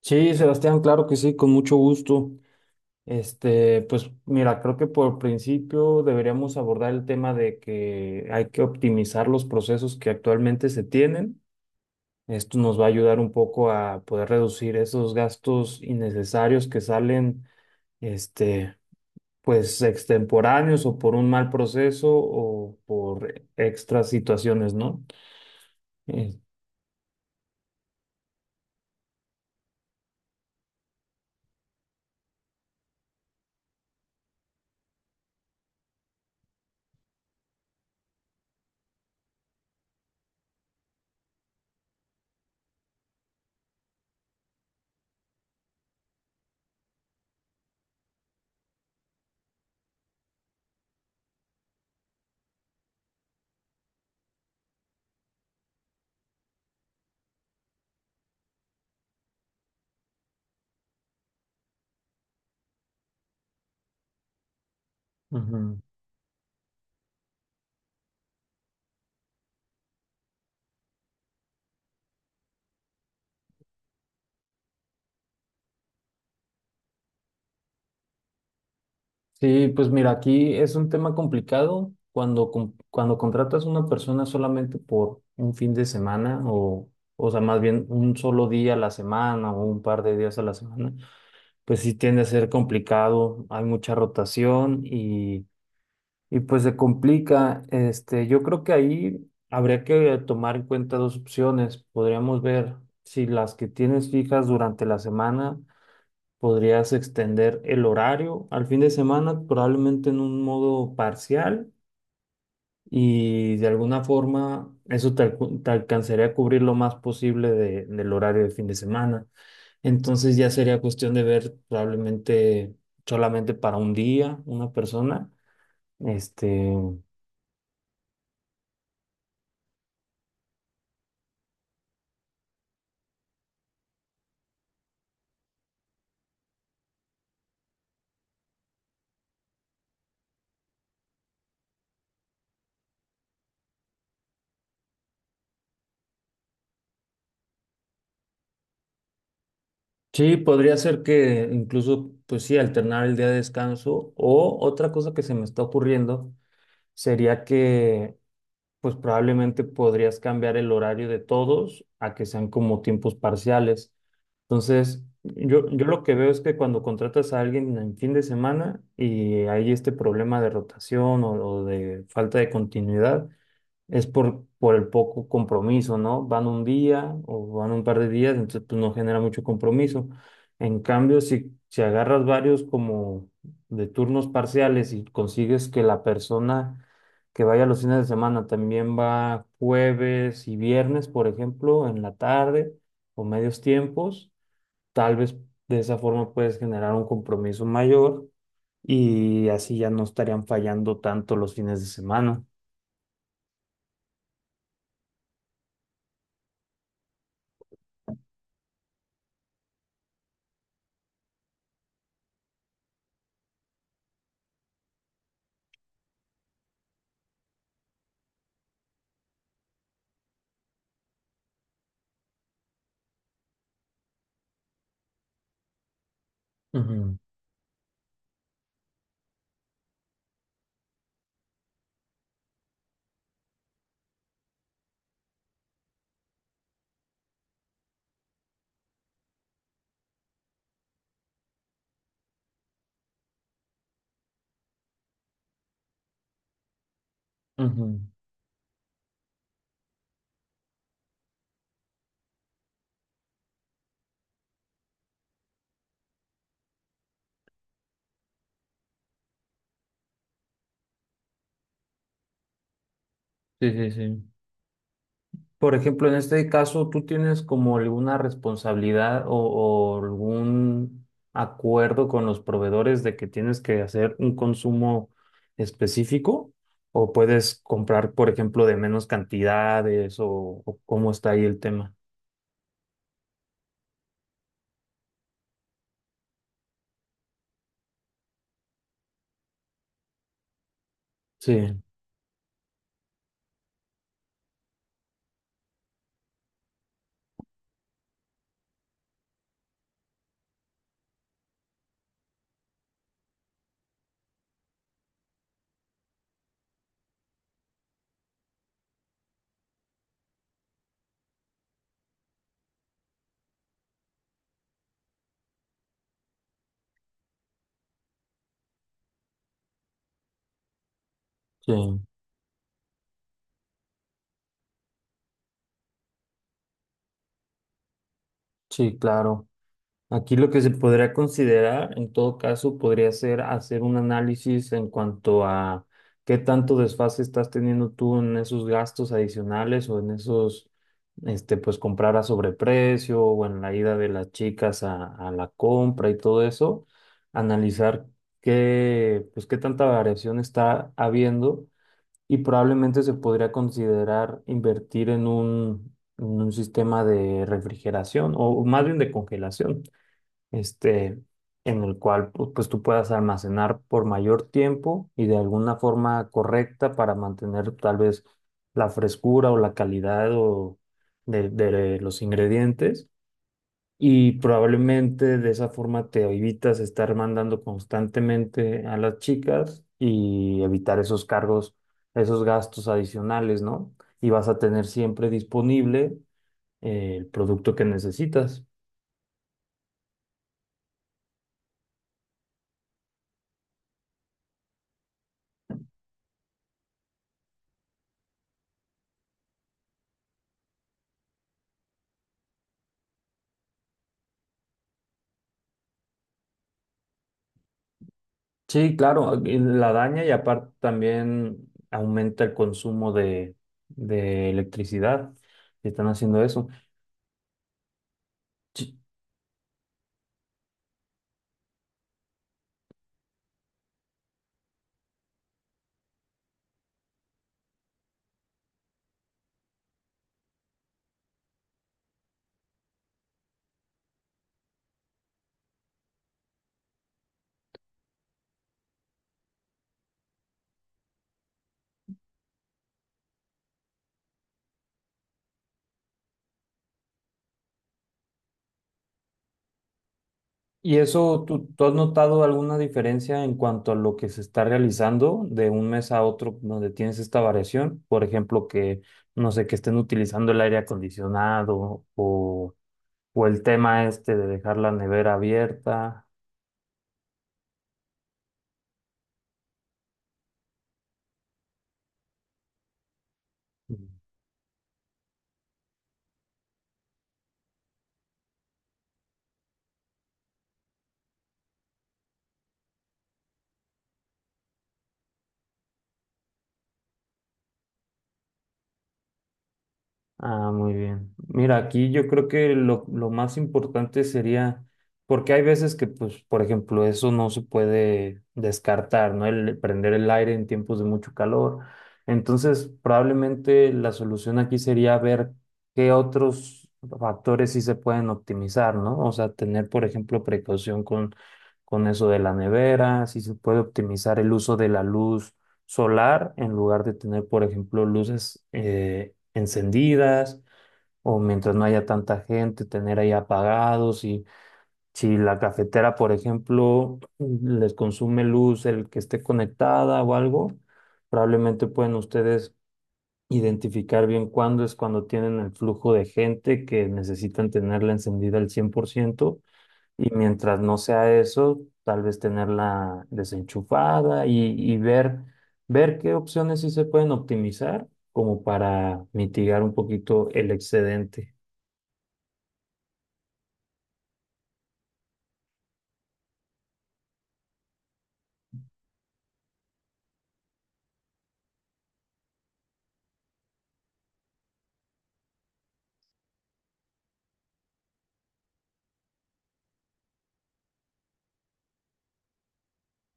Sí, Sebastián, claro que sí, con mucho gusto. Este, pues mira, creo que por principio deberíamos abordar el tema de que hay que optimizar los procesos que actualmente se tienen. Esto nos va a ayudar un poco a poder reducir esos gastos innecesarios que salen, este, pues extemporáneos o por un mal proceso o por extras situaciones, ¿no? Eh, Ujú. Sí, pues mira, aquí es un tema complicado cuando contratas a una persona solamente por un fin de semana o sea, más bien un solo día a la semana o un par de días a la semana, pues sí tiende a ser complicado, hay mucha rotación y pues se complica. Este, yo creo que ahí habría que tomar en cuenta dos opciones. Podríamos ver si las que tienes fijas durante la semana podrías extender el horario al fin de semana, probablemente en un modo parcial, y de alguna forma eso te alcanzaría a cubrir lo más posible de- del horario de fin de semana. Entonces ya sería cuestión de ver probablemente solamente para un día una persona. Este, sí, podría ser que incluso, pues sí, alternar el día de descanso o otra cosa que se me está ocurriendo sería que pues probablemente podrías cambiar el horario de todos a que sean como tiempos parciales. Entonces, yo lo que veo es que cuando contratas a alguien en fin de semana y hay este problema de rotación o de falta de continuidad, es por el poco compromiso, ¿no? Van un día o van un par de días, entonces pues no genera mucho compromiso. En cambio, si agarras varios como de turnos parciales y consigues que la persona que vaya los fines de semana también va jueves y viernes, por ejemplo, en la tarde o medios tiempos, tal vez de esa forma puedes generar un compromiso mayor y así ya no estarían fallando tanto los fines de semana. Ujú, ujú. Sí, sí, sí. Por ejemplo, en este caso, ¿tú tienes como alguna responsabilidad o algún acuerdo con los proveedores de que tienes que hacer un consumo específico? ¿O puedes comprar, por ejemplo, de menos cantidades o cómo está ahí el tema? Sí, sí, sí, claro. Aquí lo que se podría considerar, en todo caso, podría ser hacer un análisis en cuanto a qué tanto desfase estás teniendo tú en esos gastos adicionales o en esos, este, pues comprar a sobreprecio o en la ida de las chicas a la compra y todo eso. Analizar qué, pues qué tanta variación está habiendo y probablemente se podría considerar invertir en en un sistema de refrigeración o más bien de congelación este, en el cual pues, tú puedas almacenar por mayor tiempo y de alguna forma correcta para mantener tal vez la frescura o la calidad o de los ingredientes. Y probablemente de esa forma te evitas estar mandando constantemente a las chicas y evitar esos cargos, esos gastos adicionales, ¿no? Y vas a tener siempre disponible el producto que necesitas. Sí, claro, y la daña y aparte también aumenta el consumo de electricidad si están haciendo eso. Ch- ¿Y eso, tú has notado alguna diferencia en cuanto a lo que se está realizando de un mes a otro donde tienes esta variación? Por ejemplo, que, no sé, que estén utilizando el aire acondicionado o el tema este de dejar la nevera abierta. Ah, muy bien. Mira, aquí yo creo que lo más importante sería, porque hay veces que, pues, por ejemplo, eso no se puede descartar, ¿no? El prender el aire en tiempos de mucho calor. Entonces, probablemente la solución aquí sería ver qué otros factores sí se pueden optimizar, ¿no? O sea, tener, por ejemplo, precaución con eso de la nevera, si se puede optimizar el uso de la luz solar en lugar de tener, por ejemplo, luces encendidas o mientras no haya tanta gente, tener ahí apagados y si la cafetera, por ejemplo, les consume luz el que esté conectada o algo, probablemente pueden ustedes identificar bien cuándo es cuando tienen el flujo de gente que necesitan tenerla encendida al 100% y mientras no sea eso, tal vez tenerla desenchufada y ver qué opciones sí se pueden optimizar como para mitigar un poquito el excedente.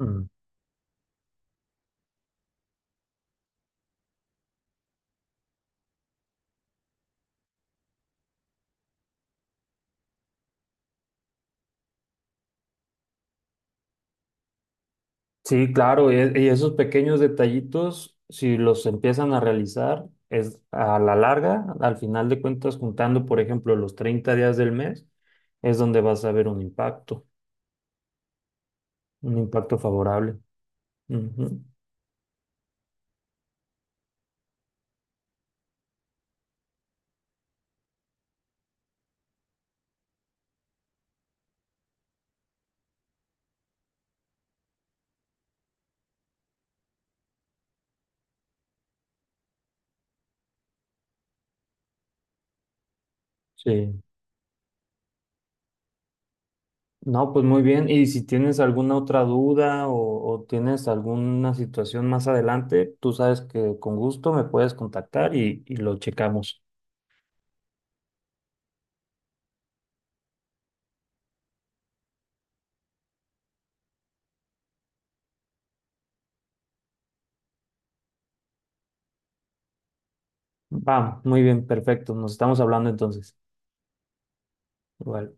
Mm. Sí, claro, y esos pequeños detallitos, si los empiezan a realizar, es a la larga, al final de cuentas, juntando, por ejemplo, los 30 días del mes, es donde vas a ver un impacto favorable. Ujú, Sí. No, pues muy bien. Y si tienes alguna otra duda o tienes alguna situación más adelante, tú sabes que con gusto me puedes contactar y lo checamos. Va, muy bien, perfecto. Nos estamos hablando entonces. Igual.